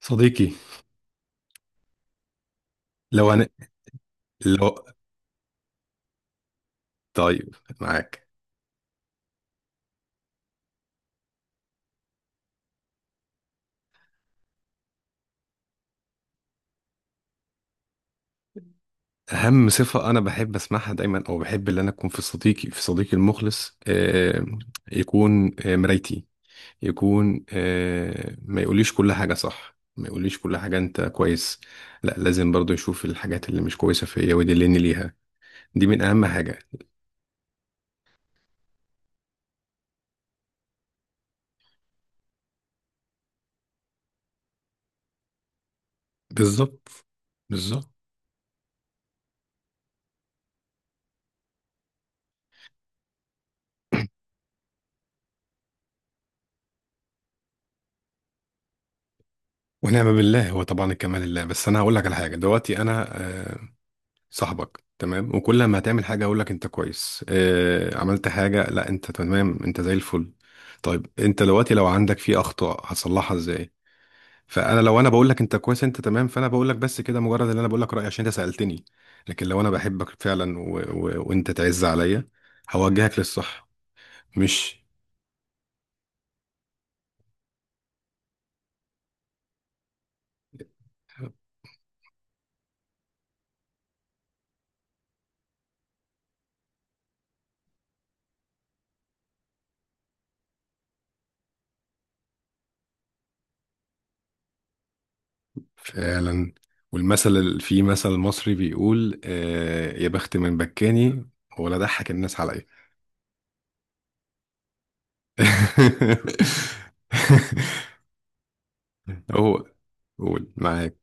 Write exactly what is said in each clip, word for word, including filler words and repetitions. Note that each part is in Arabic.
صديقي. لو أنا لو طيب معاك أهم صفة أنا بحب أسمعها دايما، أو بحب إن أنا أكون في صديقي في صديقي المخلص، آه يكون آه مرايتي، يكون آه ما يقوليش كل حاجة صح، ما يقوليش كل حاجة أنت كويس. لا، لازم برضو يشوف الحاجات اللي مش كويسة فيا ويدلني ليها. دي من أهم حاجة. بالظبط، بالظبط. ونعم بالله، هو طبعا الكمال لله، بس أنا هقول لك على حاجة دلوقتي. أنا آه، صاحبك تمام، وكل ما هتعمل حاجة أقول لك أنت كويس، آه، عملت حاجة، لا أنت تمام، أنت زي الفل. طيب أنت دلوقتي لو عندك في أخطاء هتصلحها إزاي؟ فأنا لو أنا بقول لك أنت كويس أنت تمام، فأنا بقول لك بس كده، مجرد إن أنا بقول لك رأيي عشان أنت سألتني. لكن لو أنا بحبك فعلا و... و... وأنت تعز عليا، هوجهك للصح. مش فعلا. والمثل ال- في مثل مصري بيقول آه، يا بخت من بكاني ولا ضحك الناس عليا. هو قول معاك.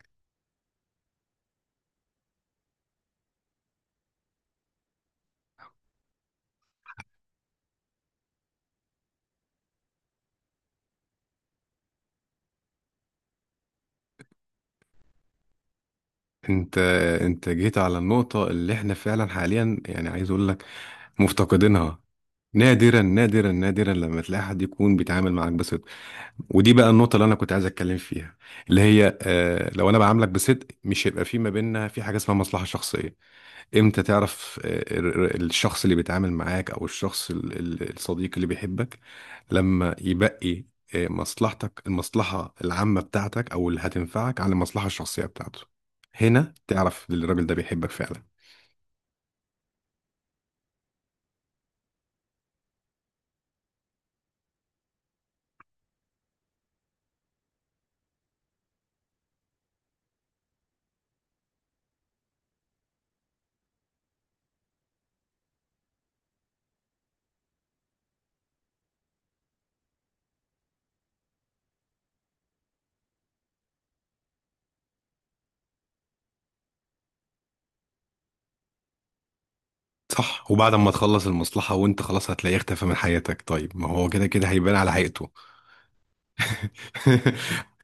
انت انت جيت على النقطة اللي احنا فعلا حاليا يعني عايز اقول لك، مفتقدينها. نادرا نادرا نادرا لما تلاقي حد يكون بيتعامل معاك بصدق. ودي بقى النقطة اللي انا كنت عايز اتكلم فيها، اللي هي اه لو انا بعاملك بصدق، مش هيبقى في ما بيننا في حاجة اسمها مصلحة شخصية. امتى تعرف آه، ال- ال- الشخص اللي بيتعامل معاك او الشخص ال- ال- الصديق اللي بيحبك؟ لما يبقي آه، مصلحتك، المصلحة العامة بتاعتك او اللي هتنفعك، على المصلحة الشخصية بتاعته، هنا تعرف ان الراجل ده بيحبك فعلا. صح، وبعد ما تخلص المصلحة وانت خلاص هتلاقيه اختفى من حياتك. طيب ما هو كده كده هيبان على حقيقته.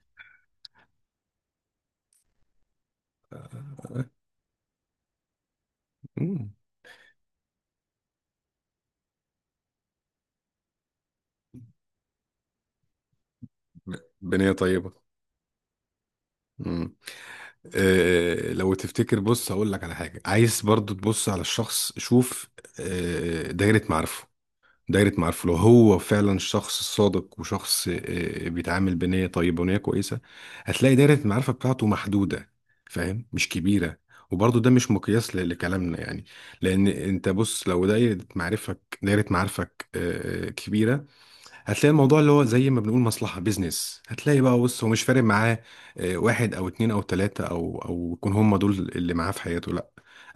مم. بنية طيبة. آه، لو تفتكر بص هقول لك على حاجة، عايز برضو تبص على الشخص، شوف آه، دايرة معارفه. دايرة معارفه لو هو فعلا شخص صادق وشخص آه، بيتعامل بنية طيبة ونية كويسة، هتلاقي دايرة المعرفة بتاعته محدودة، فاهم، مش كبيرة. وبرضو ده مش مقياس ل- لكلامنا يعني، لأن أنت بص لو دايرة معرفك دايرة معارفك آه، آه، كبيرة، هتلاقي الموضوع اللي هو زي ما بنقول مصلحة بيزنس، هتلاقي بقى بص هو مش فارق معاه آه، واحد او اتنين او تلاتة او او يكون هم دول اللي معاه في حياته. لا،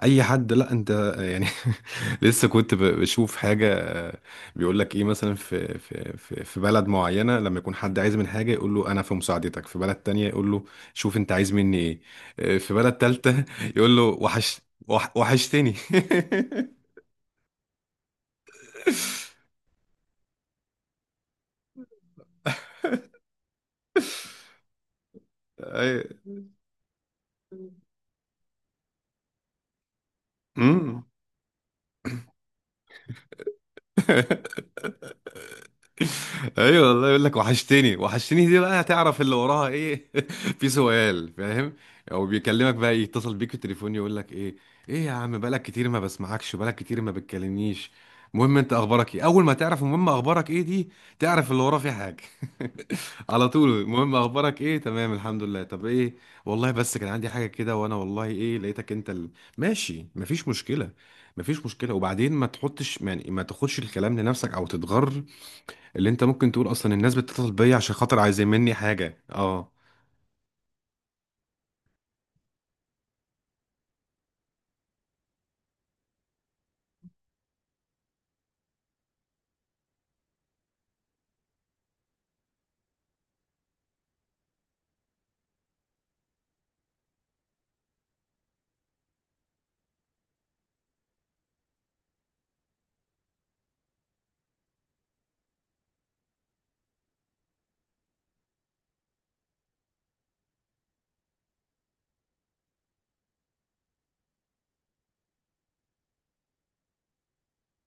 اي حد. لا انت آه، يعني لسه كنت ب- بشوف حاجة آه، بيقول لك ايه، مثلا في في في في بلد معينة لما يكون حد عايز من حاجة، يقول له انا في مساعدتك. في بلد تانية يقول له شوف انت عايز مني ايه. آه، في بلد تالتة يقول له وحش. وح- وحشتني. أي- مم. ايوه والله، يقول لك وحشتني وحشتني، دي بقى هتعرف اللي وراها ايه، في سؤال فاهم؟ او بيكلمك بقى، يتصل بيك في التليفون يقول لك ايه، ايه يا عم بقالك كتير ما بسمعكش، بقالك كتير ما بتكلمنيش، المهم انت اخبارك ايه. اول ما تعرف المهم اخبارك ايه، دي تعرف اللي وراه في حاجه. على طول المهم اخبارك ايه، تمام الحمد لله، طب ايه؟ والله بس كان عندي حاجه كده وانا والله ايه لقيتك انت ال... ماشي مفيش مشكله. مفيش مشكله، وبعدين ما تحطش يعني ما تاخدش الكلام لنفسك او تتغر، اللي انت ممكن تقول اصلا الناس بتتصل بيا عشان خاطر عايزين مني حاجه، اه.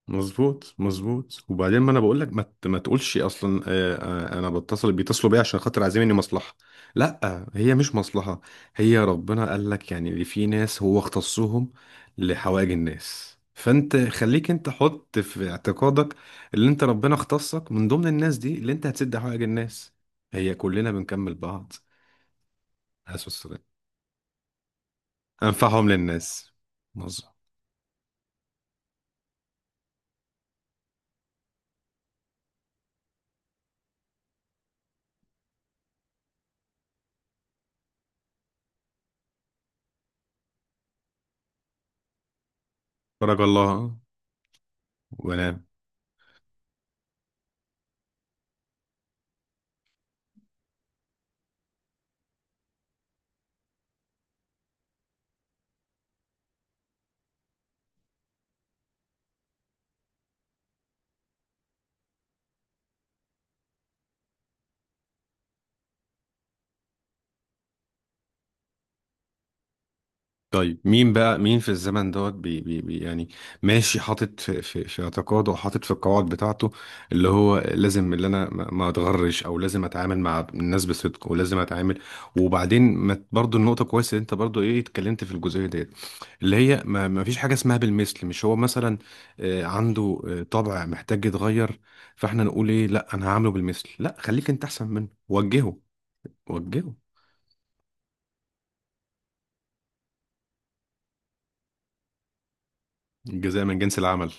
مظبوط، مظبوت. وبعدين، ما انا بقول لك، ما, ت- ما تقولش اصلا آه آه انا بتصل بيتصلوا بيا عشان خاطر عايزين مني مصلحه. لا، هي مش مصلحه، هي ربنا قال لك يعني اللي في ناس هو اختصهم لحوائج الناس، فانت خليك انت حط في اعتقادك اللي انت ربنا اختصك من ضمن الناس دي، اللي انت هتسد حوائج الناس، هي كلنا بنكمل بعض. عليه الصلاة والسلام. انفعهم للناس. مظبوط. بارك الله. ولا؟ طيب مين بقى مين في الزمن دوت بي بي بي يعني ماشي حاطط في في, في اعتقاده وحاطط في القواعد بتاعته، اللي هو لازم اللي انا ما ما اتغرش، او لازم اتعامل مع الناس بصدق، ولازم اتعامل. وبعدين ما برضو النقطه كويسه اللي انت برضو ايه اتكلمت في الجزئيه ديت، اللي هي ما, ما فيش حاجه اسمها بالمثل. مش هو مثلا آه، عنده آه، طبع محتاج يتغير، فاحنا نقول ايه؟ لا، انا هعمله بالمثل. لا، خليك انت احسن منه، وجهه. وجهه، الجزاء من جنس العمل.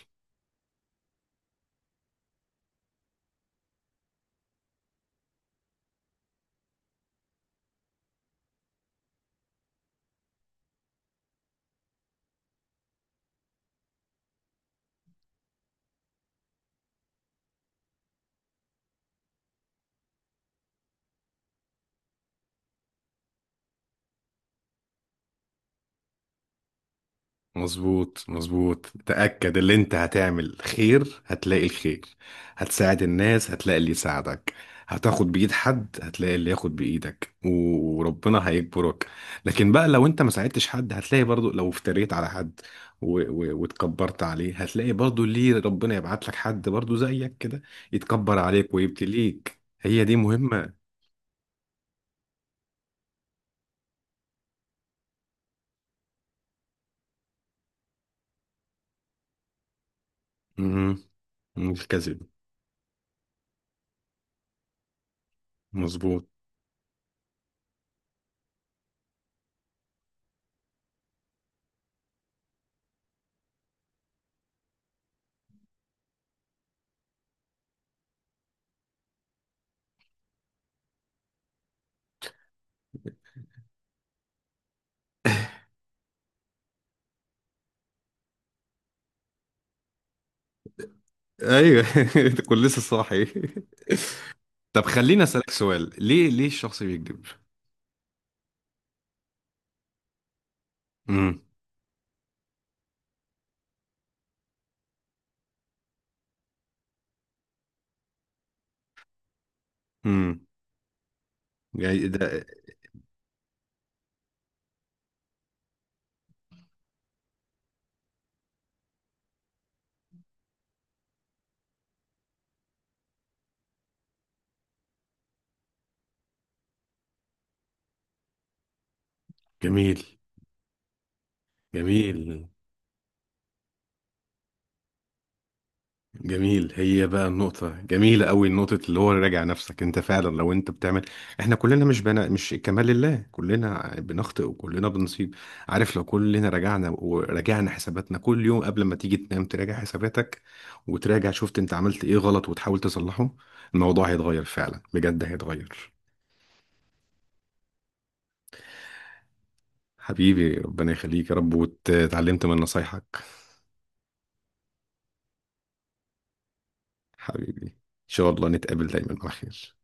مظبوط، مظبوط. تأكد اللي انت هتعمل خير هتلاقي الخير، هتساعد الناس هتلاقي اللي يساعدك، هتاخد بإيد حد هتلاقي اللي ياخد بإيدك، و- وربنا هيجبرك. لكن بقى لو انت ما ساعدتش حد هتلاقي برضو، لو افتريت على حد و... و... واتكبرت عليه، هتلاقي برضو ليه ربنا يبعت لك حد برضو زيك كده يتكبر عليك ويبتليك. هي دي مهمة. مهم. الكذب. مظبوط. ايوه. كنت لسه صاحي. طب خليني اسالك سؤال، ليه ليه الشخص بيكذب؟ امم امم يعني ده. جميل. جميل، جميل. هي بقى النقطة جميلة قوي، نقطة اللي هو راجع نفسك، انت فعلا لو انت بتعمل، احنا كلنا مش بنا، مش كمال لله، كلنا بنخطئ وكلنا بنصيب، عارف؟ لو كلنا رجعنا وراجعنا حساباتنا كل يوم، قبل ما تيجي تنام تراجع حساباتك، وتراجع شفت انت عملت ايه غلط وتحاول تصلحه، الموضوع هيتغير فعلا، بجد هيتغير. حبيبي ربنا يخليك يا رب، واتعلمت من نصايحك. حبيبي، ان شاء الله نتقابل دايما على خير.